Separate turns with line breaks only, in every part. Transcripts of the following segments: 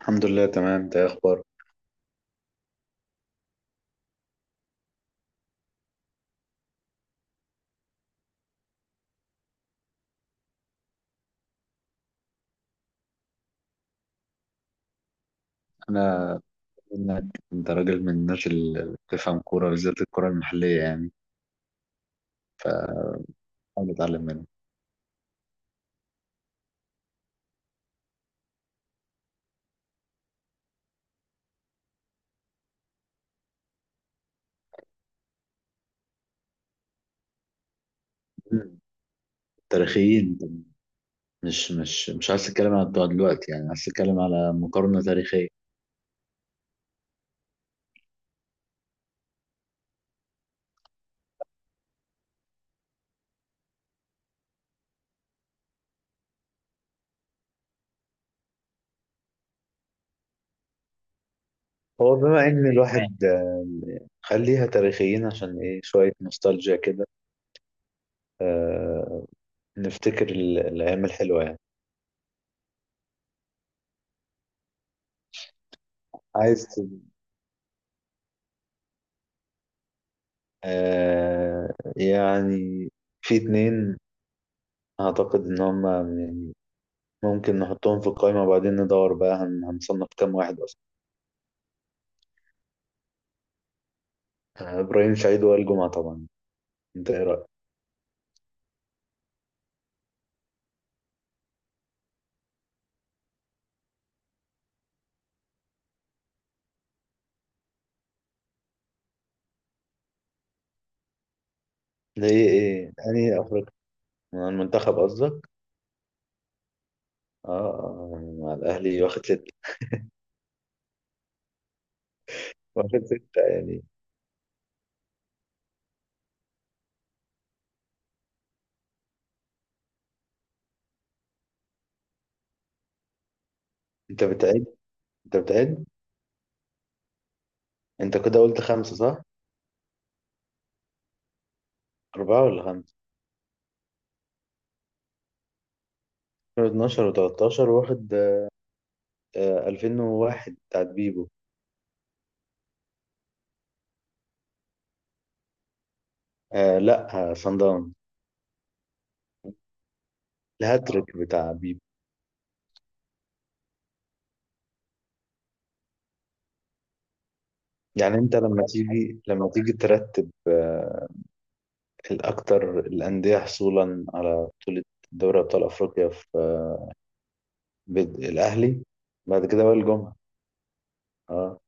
الحمد لله تمام، انت ايه اخبارك؟ انا انك انت راجل من الناس اللي بتفهم كوره، بالذات الكوره المحليه يعني. حاول اتعلم منها. مم. تاريخيين، مش عايز اتكلم عن بتوع دلوقتي يعني، عايز اتكلم على مقارنه تاريخيه. هو بما ان الواحد خليها تاريخيين، عشان ايه شويه نوستالجيا كده. آه، نفتكر الايام الحلوه يعني. عايز ت- آه، يعني في اتنين اعتقد ان هم ممكن نحطهم في القائمة، وبعدين ندور بقى هنصنف كام واحد أصلا. إبراهيم سعيد، وائل جمعة طبعا. أنت إيه رأيك؟ ليه إيه؟ يعني أفريقيا من المنتخب قصدك؟ يعني مع الأهلي واخد ستة. واخد ستة يعني. أنت بتعد أنت بتعد. أنت كده قلت خمسة صح؟ أربعة ولا خمسة؟ 2012 و13 واخد 2001 بتاعت بيبو. آه لا، صن داونز، الهاتريك بتاع بيبو. يعني أنت لما تيجي، ترتب الأكثر الأندية حصولا على بطولة دوري أبطال أفريقيا، في الأهلي، بعد كده بقى الجمعة. اه.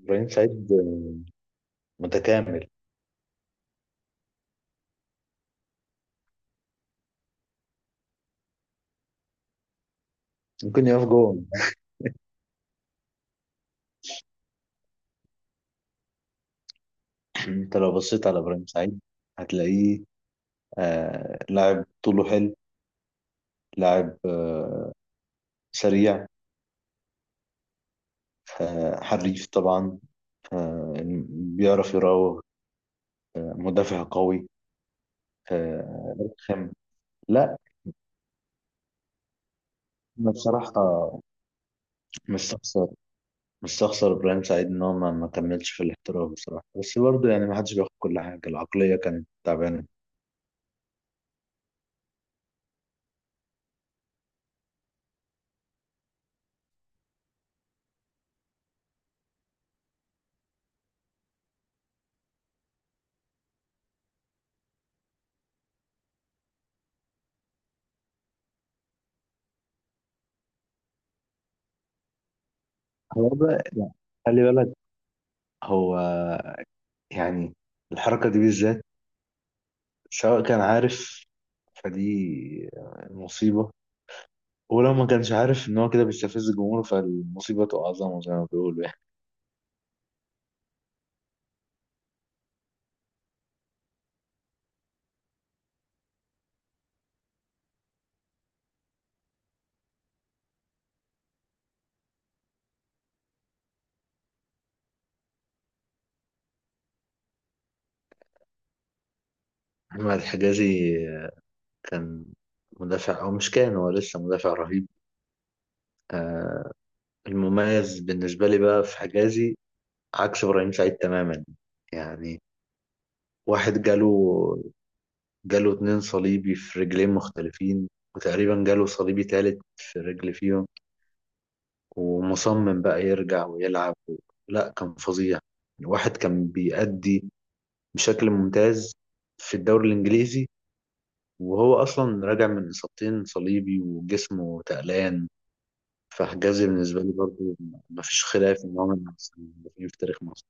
إبراهيم سعيد متكامل. ممكن يقف جون. أنت لو بصيت على إبراهيم سعيد هتلاقيه، آه، لاعب طوله حلو، لاعب سريع، آه، حريف طبعا، آه، بيعرف يراوغ، آه، مدافع قوي، آه، رخم. لا. أنا بصراحة مش شخص، بس اخسر ابراهيم سعيد ان هو ما كملش في الاحتراف بصراحه. بس برضه يعني، ما حدش بياخد كل حاجه، العقليه كانت تعبانه. هو بقى يعني، خلي بالك، هو يعني الحركه دي بالذات سواء كان عارف فدي مصيبه، ولو ما كانش عارف ان هو كده بيستفز الجمهور فالمصيبه تبقى اعظم زي ما بيقولوا يعني. احمد الحجازي كان مدافع، او مش كان، هو لسه مدافع رهيب. آه، المميز بالنسبه لي بقى في حجازي، عكس ابراهيم سعيد تماما. يعني واحد جاله اتنين صليبي في رجلين مختلفين، وتقريبا جاله صليبي تالت في رجل فيهم، ومصمم بقى يرجع ويلعب. لا، كان فظيع. الواحد كان بيأدي بشكل ممتاز في الدوري الإنجليزي، وهو أصلا راجع من إصابتين صليبي وجسمه تقلان. فحجازي بالنسبة لي برضه مفيش خلاف إن هو من أحسن المدافعين في تاريخ مصر.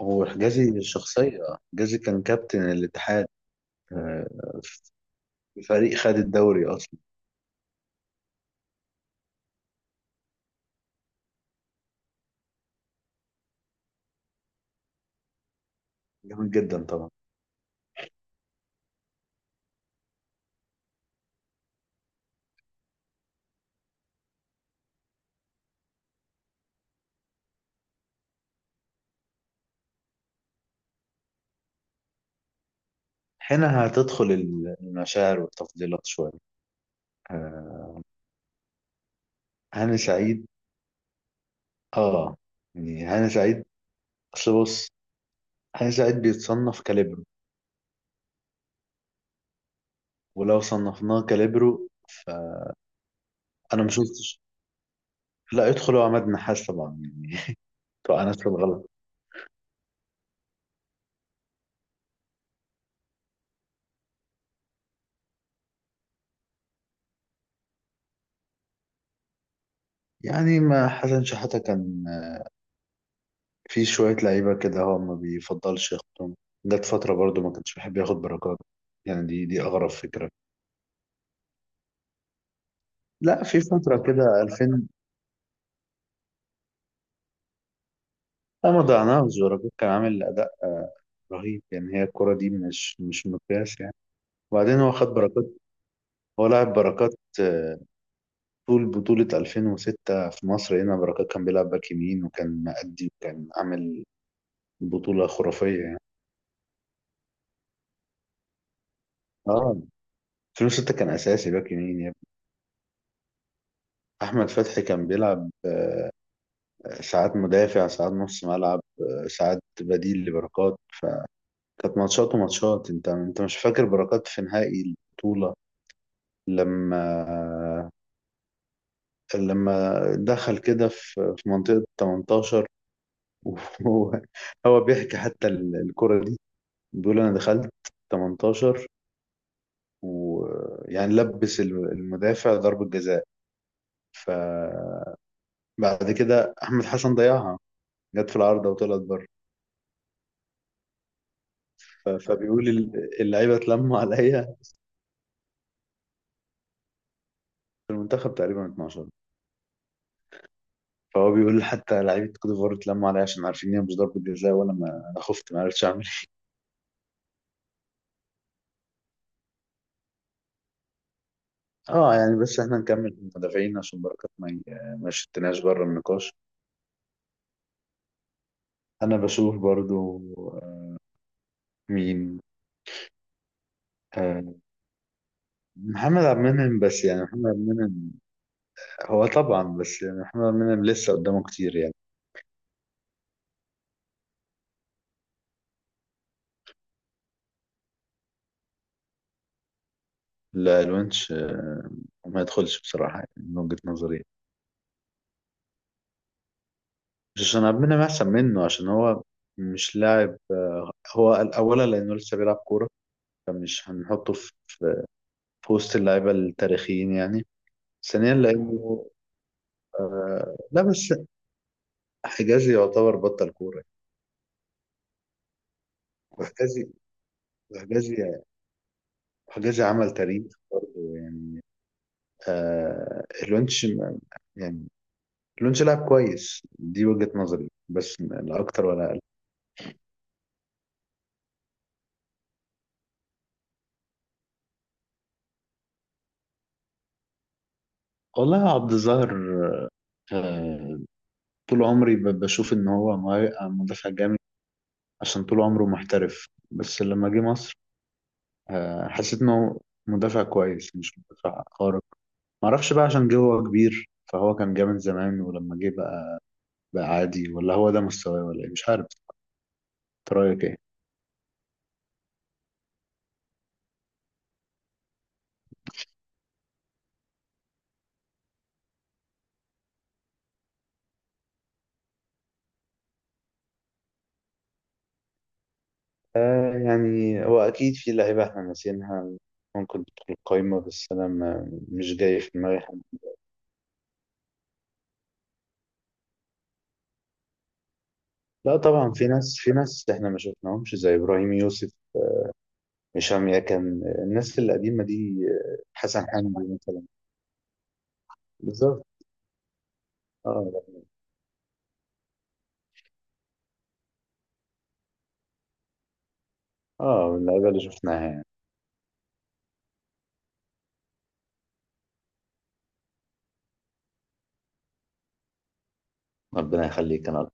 هو حجازي الشخصية، حجازي كان كابتن الاتحاد، آه، فريق خد الدوري اصلا. جميل جدا طبعا. هنا هتدخل المشاعر والتفضيلات شويه. آه، هاني سعيد، اه يعني هاني سعيد، اصل بص، هاني سعيد بيتصنف كاليبرو، ولو صنفناه كاليبرو فانا ما شفتش. لا، يدخل عماد نحاس طبعا يعني. طبعا انا في الغلط. يعني ما حسن شحاته كان في شويه لعيبه كده هو ما بيفضلش ياخدهم. جت فتره برضو ما كانش بيحب ياخد بركات، يعني دي اغرب فكره. لا في فتره كده. لا، ما ضيعناهوش، بركات كان عامل أداء رهيب يعني. هي الكرة دي مش مقياس يعني. وبعدين هو خد بركات. هو لاعب بركات طول بطولة 2006 في مصر هنا، بركات كان بيلعب باك يمين، وكان مأدي، وكان عامل بطولة خرافية يعني. اه، 2006 كان أساسي باك يمين يا ابني. أحمد فتحي كان بيلعب ساعات مدافع، ساعات نص ملعب، ساعات بديل لبركات. فكانت ماتشات وماتشات. أنت مش فاكر بركات في نهائي البطولة، لما دخل كده في منطقة 18؟ وهو، بيحكي حتى الكرة دي. بيقول أنا دخلت 18، ويعني لبس المدافع ضربة جزاء. فبعد كده أحمد حسن ضيعها، جت في العارضة وطلعت بره. فبيقول اللعيبة اتلموا عليا، في المنتخب تقريبا 12. فهو بيقول حتى لعيبة كوت ديفوار اتلموا عليا عشان عارفين إن هي مش ضربة جزاء، وأنا ما أنا خفت ما عرفتش أعمل. اه، يعني بس احنا نكمل المدافعين عشان بركات ما شتناش بره النقاش. انا بشوف برضو آه، مين، آه، محمد عبد المنعم، بس يعني محمد عبد المنعم، هو طبعا، بس يعني محمد عبد المنعم لسه قدامه كتير يعني. لا، الونش ما يدخلش بصراحة يعني، من وجهة نظري. مش عشان عبد المنعم احسن منه، عشان هو مش لاعب. هو اولا لانه لسه بيلعب كورة، فمش هنحطه في وسط اللعيبة التاريخيين يعني. ثانيا لانه لا بس، حجازي يعتبر بطل كورة، وحجازي وحجازي وحجازي عمل تاريخ برضه يعني. آه الونش ما- يعني الونش لعب كويس، دي وجهة نظري، بس لا أكتر ولا أقل. والله، عبد الظاهر، آه طول عمري بشوف إن هو مدافع جامد، عشان طول عمره محترف. بس لما جه مصر حسيت إنه مدافع كويس، مش مدافع خارق. معرفش بقى، عشان جه هو كبير فهو كان جامد زمان ولما جه بقى عادي، ولا هو ده مستواه، ولا إيه، مش عارف. انت رايك ايه؟ يعني هو أكيد في لعيبة إحنا ناسينها ممكن تدخل القايمة، بس أنا ما مش جاي في دماغي حد. لا طبعا، في ناس، في ناس إحنا ما شفناهمش زي إبراهيم يوسف، هشام يكن، الناس القديمة دي، حسن حمدي مثلا. بالظبط. اه، اه، من اللعيبة اللي شفناها يعني. ربنا يخليك، أنا